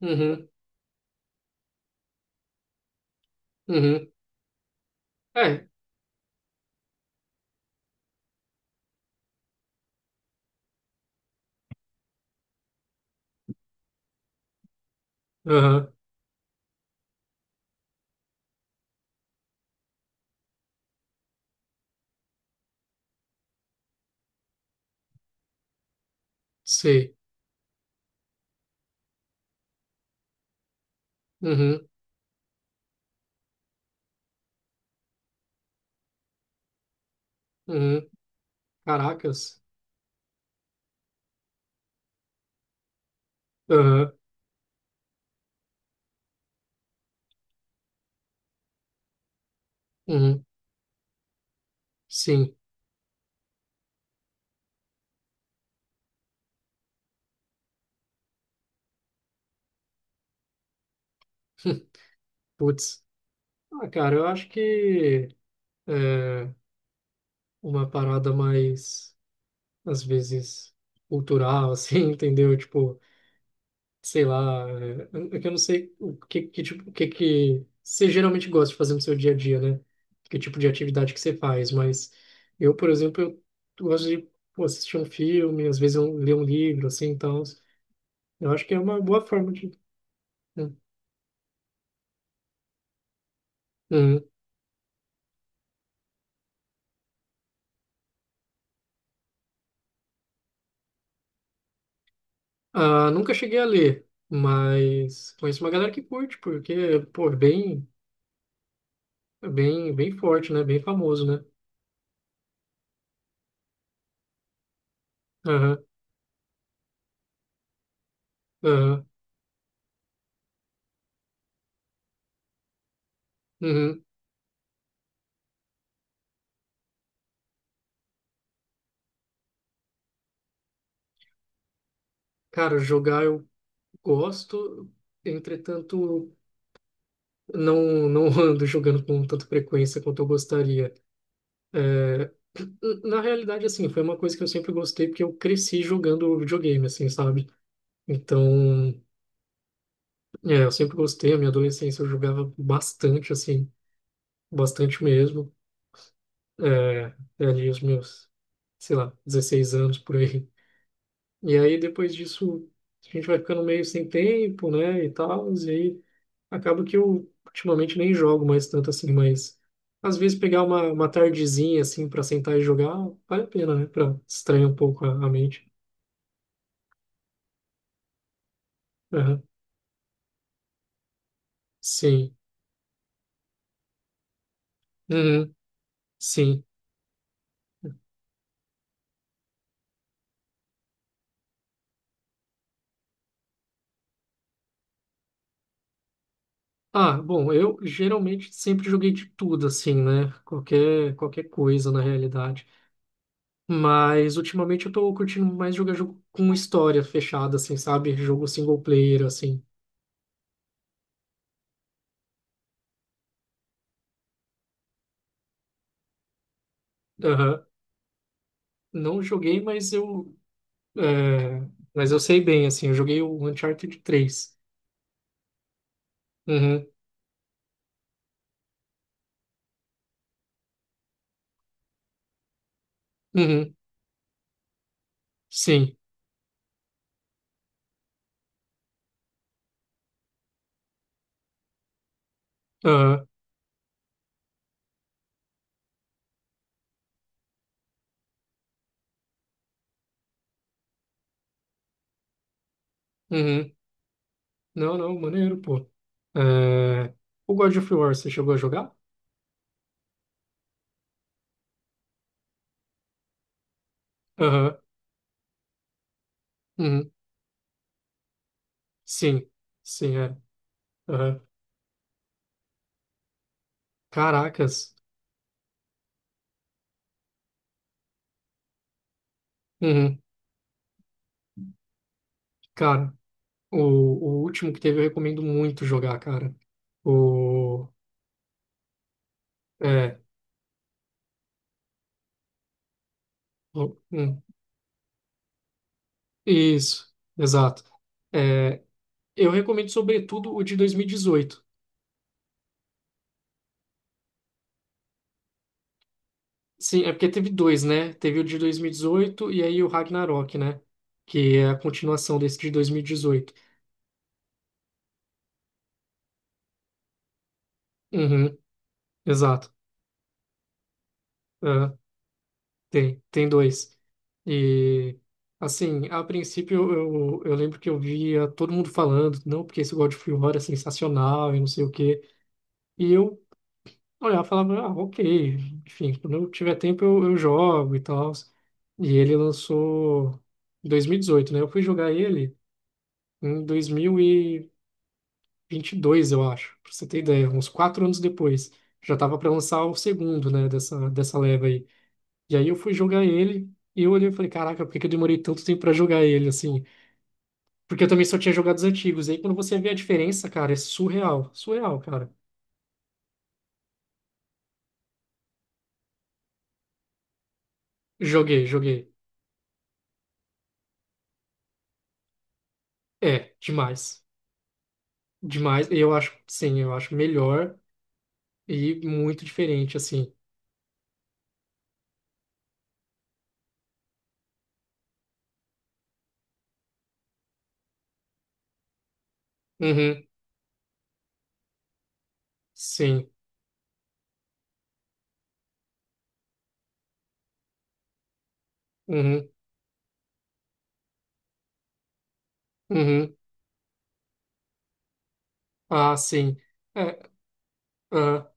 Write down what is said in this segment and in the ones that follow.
Uhum, uhum. É, aham, sei. Uhum, uhum. Caracas. Aham, uhum, sim. Putz. Ah, cara, eu acho que é uma parada mais, às vezes, cultural, assim, entendeu? Tipo, sei lá, é que eu não sei o que, que tipo, o que que você geralmente gosta de fazer no seu dia a dia, né? Que tipo de atividade que você faz, mas eu, por exemplo, eu gosto de pô, assistir um filme, às vezes eu leio um livro, assim, então eu acho que é uma boa forma de. Uhum. Ah, nunca cheguei a ler, mas conheço uma galera que curte, porque, pô, é bem, bem forte, né? Bem famoso, né? Aham, aham, uhum. Cara, jogar eu gosto, entretanto, não ando jogando com tanta frequência quanto eu gostaria. É, na realidade, assim, foi uma coisa que eu sempre gostei, porque eu cresci jogando videogame, assim, sabe? Então, é, eu sempre gostei, a minha adolescência eu jogava bastante, assim. Bastante mesmo. É ali os meus, sei lá, 16 anos por aí. E aí depois disso a gente vai ficando meio sem tempo, né, e tal, e aí acaba que eu ultimamente nem jogo mais tanto assim, mas às vezes pegar uma tardezinha assim para sentar e jogar vale a pena, né, para distrair um pouco a mente. Aham. Sim. Uhum. Sim. Ah, bom, eu geralmente sempre joguei de tudo assim, né? Qualquer coisa na realidade. Mas ultimamente eu tô curtindo mais jogar jogo com história fechada, assim, sabe? Jogo single player, assim. Aham. Não joguei, mas eu. é, Mas eu sei bem, assim. Eu joguei o Uncharted 3. Uhum. Uhum. Sim. Aham. Uhum. Não, não, maneiro, pô. É, o God of War, você chegou a jogar? Aham. Uhum. Sim. Sim, é. Aham. Caracas. Uhum. Cara, o último que teve eu recomendo muito jogar, cara. O É, o- hum, isso, exato. É, eu recomendo sobretudo o de 2018. Sim, é porque teve dois, né? Teve o de 2018 e aí o Ragnarok, né? Que é a continuação desse de 2018. Uhum, exato. É, tem dois. E, assim, a princípio eu lembro que eu via todo mundo falando, não, porque esse God of War é sensacional e não sei o quê. E eu olhar e falava, ah, ok, enfim, quando eu tiver tempo eu jogo e tal. E ele lançou em 2018, né? Eu fui jogar ele em dois mil e vinte e dois, eu acho, pra você ter ideia, uns 4 anos depois. Já tava para lançar o segundo, né, dessa leva aí. E aí eu fui jogar ele e eu olhei e falei, caraca, por que que eu demorei tanto tempo para jogar ele, assim? Porque eu também só tinha jogado os antigos. Aí quando você vê a diferença, cara, é surreal, surreal, cara. Joguei, joguei. É, demais. Demais, eu acho, sim, eu acho melhor e muito diferente, assim. Uhum, sim, uhum, uhum, ah, sim, é, ah,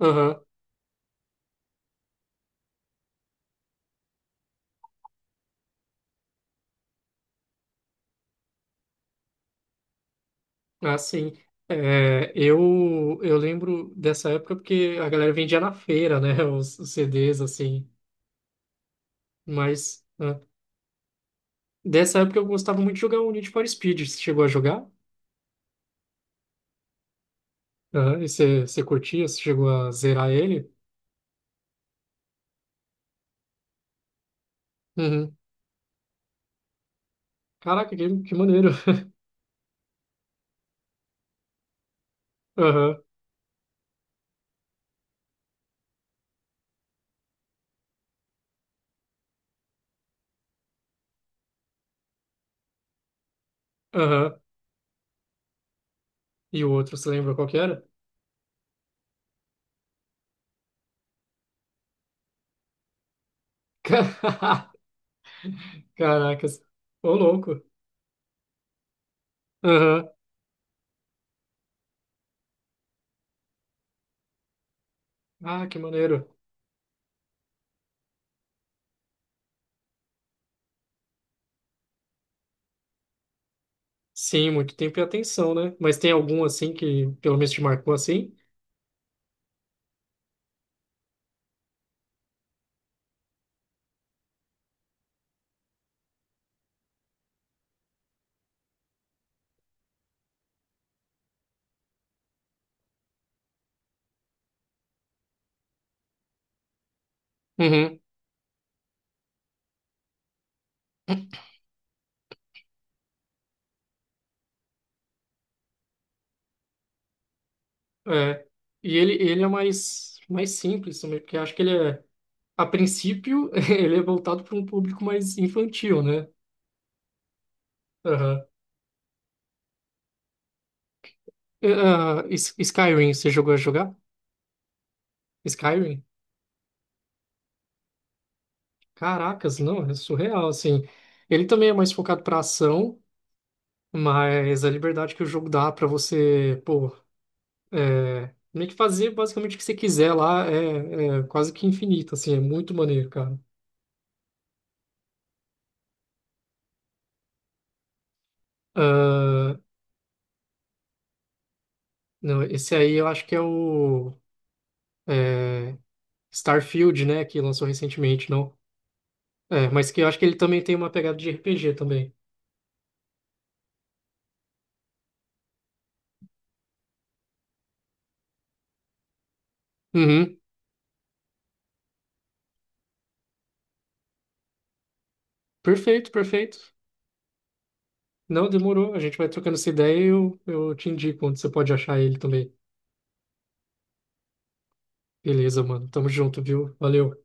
aham, ah, sim. É, eu lembro dessa época porque a galera vendia na feira, né, os CDs, assim, mas dessa época eu gostava muito de jogar o Need for Speed, você chegou a jogar? Ah, e você curtia, você chegou a zerar ele? Uhum. Caraca, que maneiro. Aham, aham. E o outro, você lembra qual que era? Ca- Caracas. Ô, louco. Aham. Ah, que maneiro. Sim, muito tempo e atenção, né? Mas tem algum assim que pelo menos te marcou assim? Uhum. É. E ele é mais simples também, porque eu acho que ele é, a princípio, ele é voltado para um público mais infantil, né? Aham. E, Skyrim, você jogou a jogar? Skyrim? Caracas, não, é surreal, assim. Ele também é mais focado para ação, mas a liberdade que o jogo dá para você, pô. É, meio que fazer basicamente o que você quiser lá é quase que infinito, assim, é muito maneiro, cara. Ah, não, esse aí eu acho que é o é, Starfield, né, que lançou recentemente, não? É, mas que eu acho que ele também tem uma pegada de RPG também. Uhum, perfeito, perfeito. Não, demorou, a gente vai trocando essa ideia e eu te indico onde você pode achar ele também. Beleza, mano, tamo junto, viu? Valeu.